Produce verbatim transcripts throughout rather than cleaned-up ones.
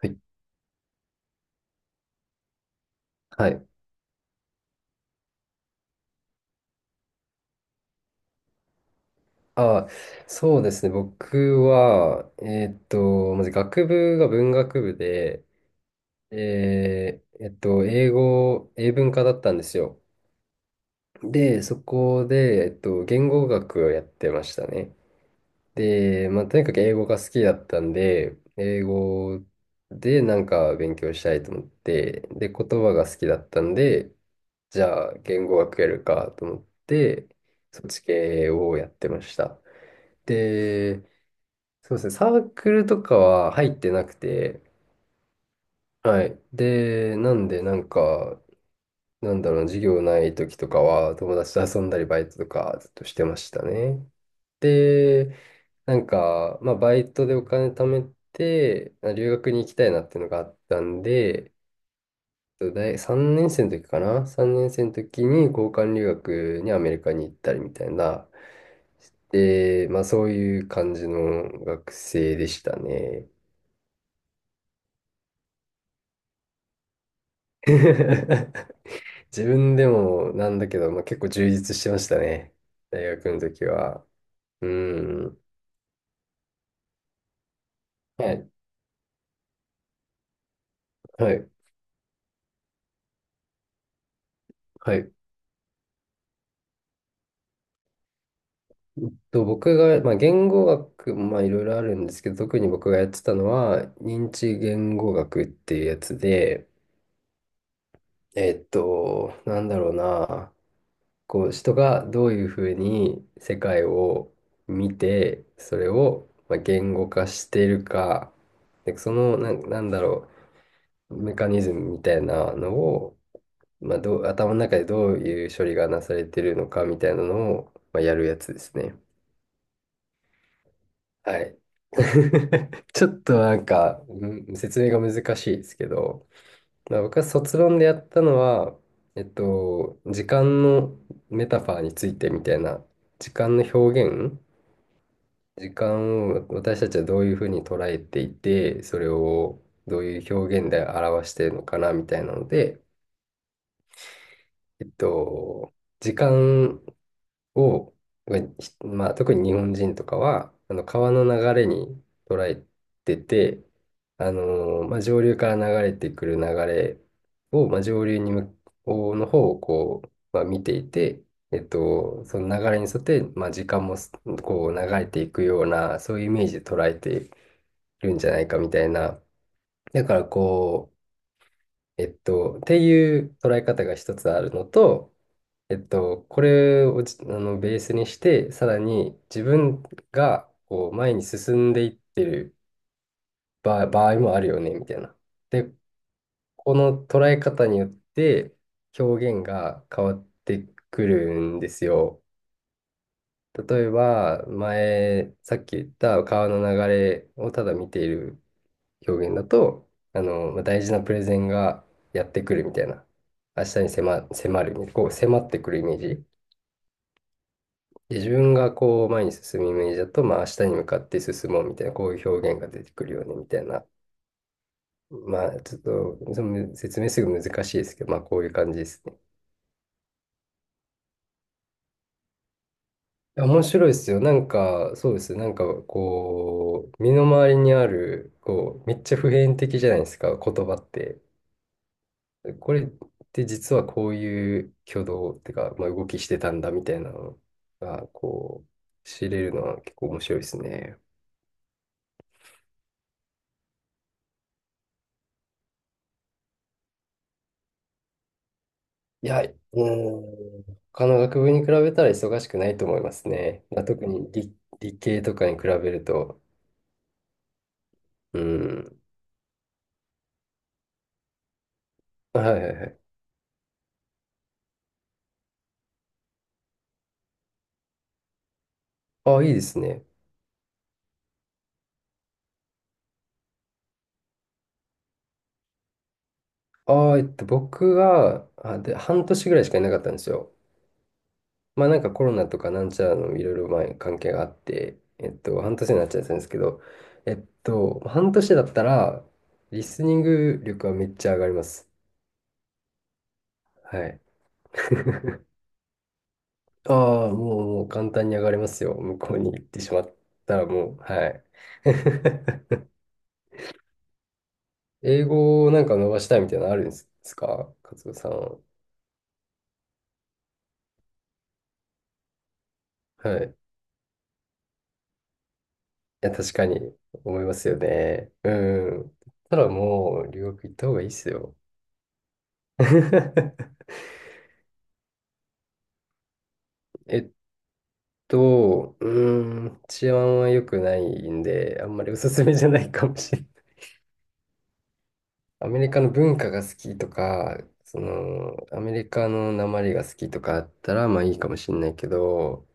はい。はい。あ、そうですね。僕は、えーっと、まず学部が文学部で、えーえっと、英語、英文科だったんですよ。で、そこで、えっと、言語学をやってましたね。で、まあ、とにかく英語が好きだったんで、英語でなんか勉強したいと思って、で、言葉が好きだったんで、じゃあ、言語学やるかと思って、そっち系をやってました。で、そうですね、サークルとかは入ってなくて、はい。で、なんで、なんか、なんだろうな、授業ない時とかは、友達と遊んだり、バイトとかずっとしてましたね。で、なんか、まあ、バイトでお金貯めて、あ、留学に行きたいなっていうのがあったんで、大さんねん生の時かな？ さん 年生の時に交換留学にアメリカに行ったりみたいな、で、まあ、そういう感じの学生でしたね。自分でもなんだけど、まあ、結構充実してましたね。大学の時は。うん。はい。はい。はい。えっと、僕が、まあ、言語学、まあ、いろいろあるんですけど、特に僕がやってたのは、認知言語学っていうやつで、えっと、なんだろうな、こう、人がどういうふうに世界を見て、それを、まあ、言語化しているか、で、その、なん、なんだろう、メカニズムみたいなのを、まあ、どう、頭の中でどういう処理がなされてるのかみたいなのを、まあ、やるやつですね。はい。ちょっとなんか、うん説明が難しいですけど、まあ、僕は卒論でやったのは、えっと、時間のメタファーについてみたいな、時間の表現、時間を私たちはどういうふうに捉えていて、それをどういう表現で表しているのかなみたいなので、えっと、時間を、がひまあ、特に日本人とかは、あの川の流れに捉えてて、あのーまあ、上流から流れてくる流れを、まあ、上流に向こうの方をこう、まあ、見ていて、えっと、その流れに沿って、まあ、時間もすこう流れていくような、そういうイメージで捉えてるんじゃないかみたいな。だからこう、えっと、っていう捉え方が一つあるのと、えっと、これをじあのベースにして、さらに自分がこう前に進んでいってる場、場合もあるよね、みたいな。で、この捉え方によって表現が変わってくるんですよ。例えば、前、さっき言った川の流れをただ見ている表現だと、あの、まあ大事なプレゼンがやってくるみたいな。明日に迫、迫る、こう迫ってくるイメージ。で自分がこう前に進むイメージだと、まあ明日に向かって進もうみたいな、こういう表現が出てくるよねみたいな。まあちょっとその説明すぐ難しいですけど、まあこういう感じですね。面白いですよ。なんかそうですね。なんかこう、身の回りにある、こう、めっちゃ普遍的じゃないですか、言葉って。これって実はこういう挙動っていうか、まあ、動きしてたんだみたいなのが、こう、知れるのは結構面白いですね。いや、うーん、他の学部に比べたら忙しくないと思いますね。まあ、特に理、理系とかに比べると。うん。はいはいはい。ああ、いいですね。ああ、えっと、僕は、あ、で、半年ぐらいしかいなかったんですよ。まあなんかコロナとかなんちゃらのいろいろ前関係があって、えっと、半年になっちゃったんですけど、えっと、半年だったら、リスニング力はめっちゃ上がります。はい。ああ、もう、もう簡単に上がれますよ。向こうに行ってしまったらもう、はい。英語をなんか伸ばしたいみたいなのあるんですか勝子さんは？はい。いや、確かに思いますよね。うん。たらもう留学行った方がいいっすよ。えっと、うーん、治安は良くないんで、あんまりおすすめじゃないかもしれない。アメリカの文化が好きとか、その、アメリカの訛りが好きとかあったら、まあいいかもしれないけど、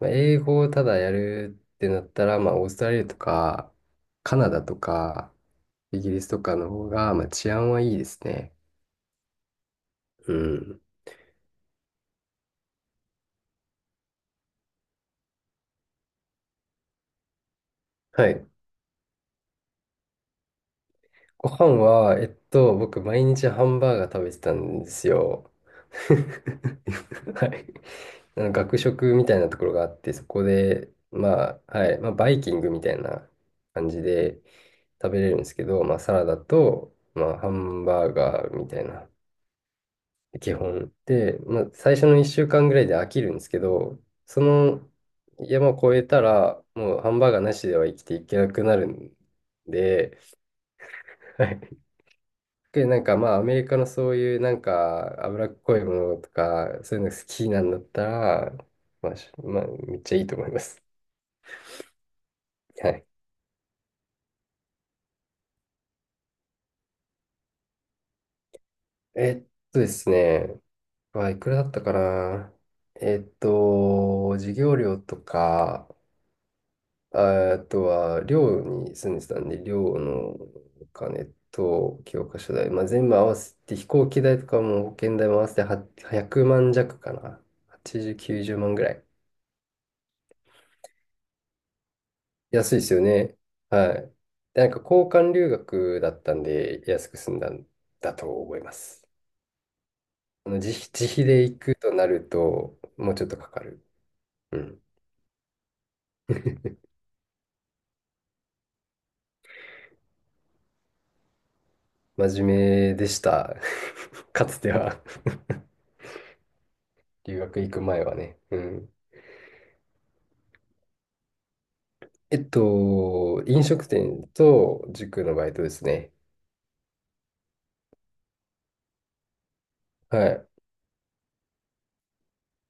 まあ、英語をただやるってなったら、まあオーストラリアとか、カナダとか、イギリスとかの方が、まあ治安はいいですね。うん。はい。ご飯は、えっと、僕、毎日ハンバーガー食べてたんですよ。はい。あの学食みたいなところがあって、そこで、まあ、はい、まあ、バイキングみたいな感じで食べれるんですけど、まあ、サラダと、まあ、ハンバーガーみたいな、基本。で、まあ、最初のいっしゅうかんぐらいで飽きるんですけど、その山を越えたら、もうハンバーガーなしでは生きていけなくなるんで、で、なんかまあアメリカのそういうなんか脂っこいものとか、そういうの好きなんだったら、まあ、しまあ、めっちゃいいと思います。はい。えっとですね、あ、いくらだったかな。えっと、授業料とか、ああとは寮に住んでたんで、寮のお金と教科書代、まあ、全部合わせて飛行機代とかも保険代も合わせてはひゃくまん弱かな。はちじゅう、きゅうじゅうまんぐらい。安いですよね。はい。で、なんか交換留学だったんで安く済んだんだと思います。あの自費、自費で行くとなると、もうちょっとかかる。うん。真面目でした。かつては。 留学行く前はね。うん。えっと、飲食店と塾のバイトですね。はい。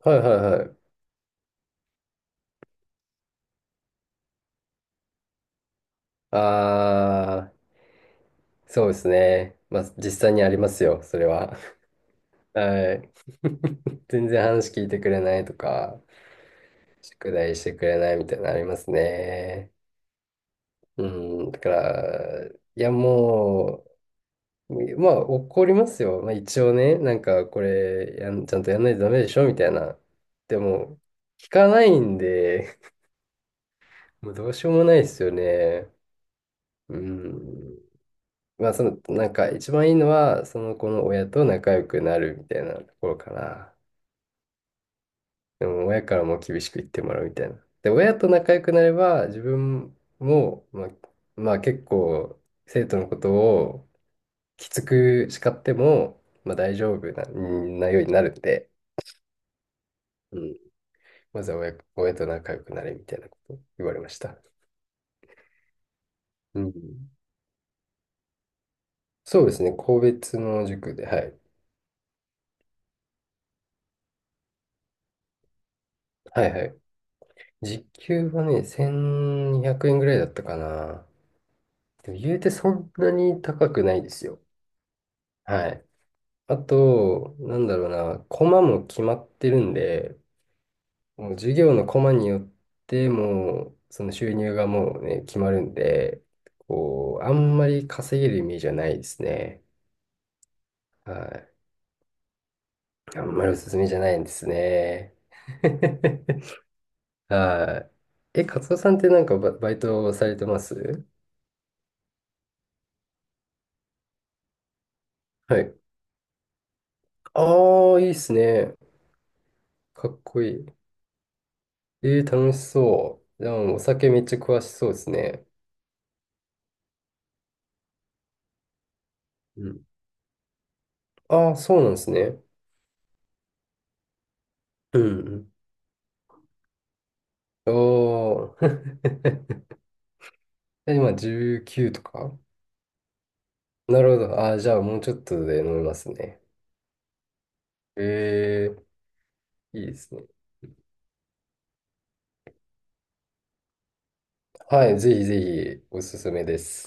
はいはいはい。あー、そうですね。まあ、実際にありますよ、それは。はい。全然話聞いてくれないとか、宿題してくれないみたいなのありますね。うん、だから、いやもう、まあ怒りますよ。まあ一応ね、なんかこれやん、ちゃんとやんないとダメでしょみたいな。でも、聞かないんで、もうどうしようもないですよね。うん。まあその、なんか一番いいのは、その子の親と仲良くなるみたいなところかな。でも親からも厳しく言ってもらうみたいな。で、親と仲良くなれば、自分も、まあ、まあ結構、生徒のことをきつく叱っても、まあ大丈夫な、なようになるんで、うん。まずは親、親と仲良くなれみたいなこと言われました。うん。そうですね、個別の塾で、はい。はいはい。時給はね、せんにひゃくえんぐらいだったかな。でも言うてそんなに高くないですよ。はい。あと、なんだろうな、コマも決まってるんで、もう授業のコマによってもう、その収入がもうね、決まるんで、こう、あんまり稼げるイメージはないですね。はい。あんまりおすすめじゃないんですね。はい。え、カツオさんってなんかバ、バイトされてます？はい。ああ、いいっすね。かっこいい。えー、楽しそう。でも、お酒めっちゃ詳しそうですね。うん。ああ、そうなんですね。うんうんおー。今じゅうきゅうとか？なるほど。あー、じゃあもうちょっとで飲みますね。えー、いいですね。はい、ぜひぜひおすすめです。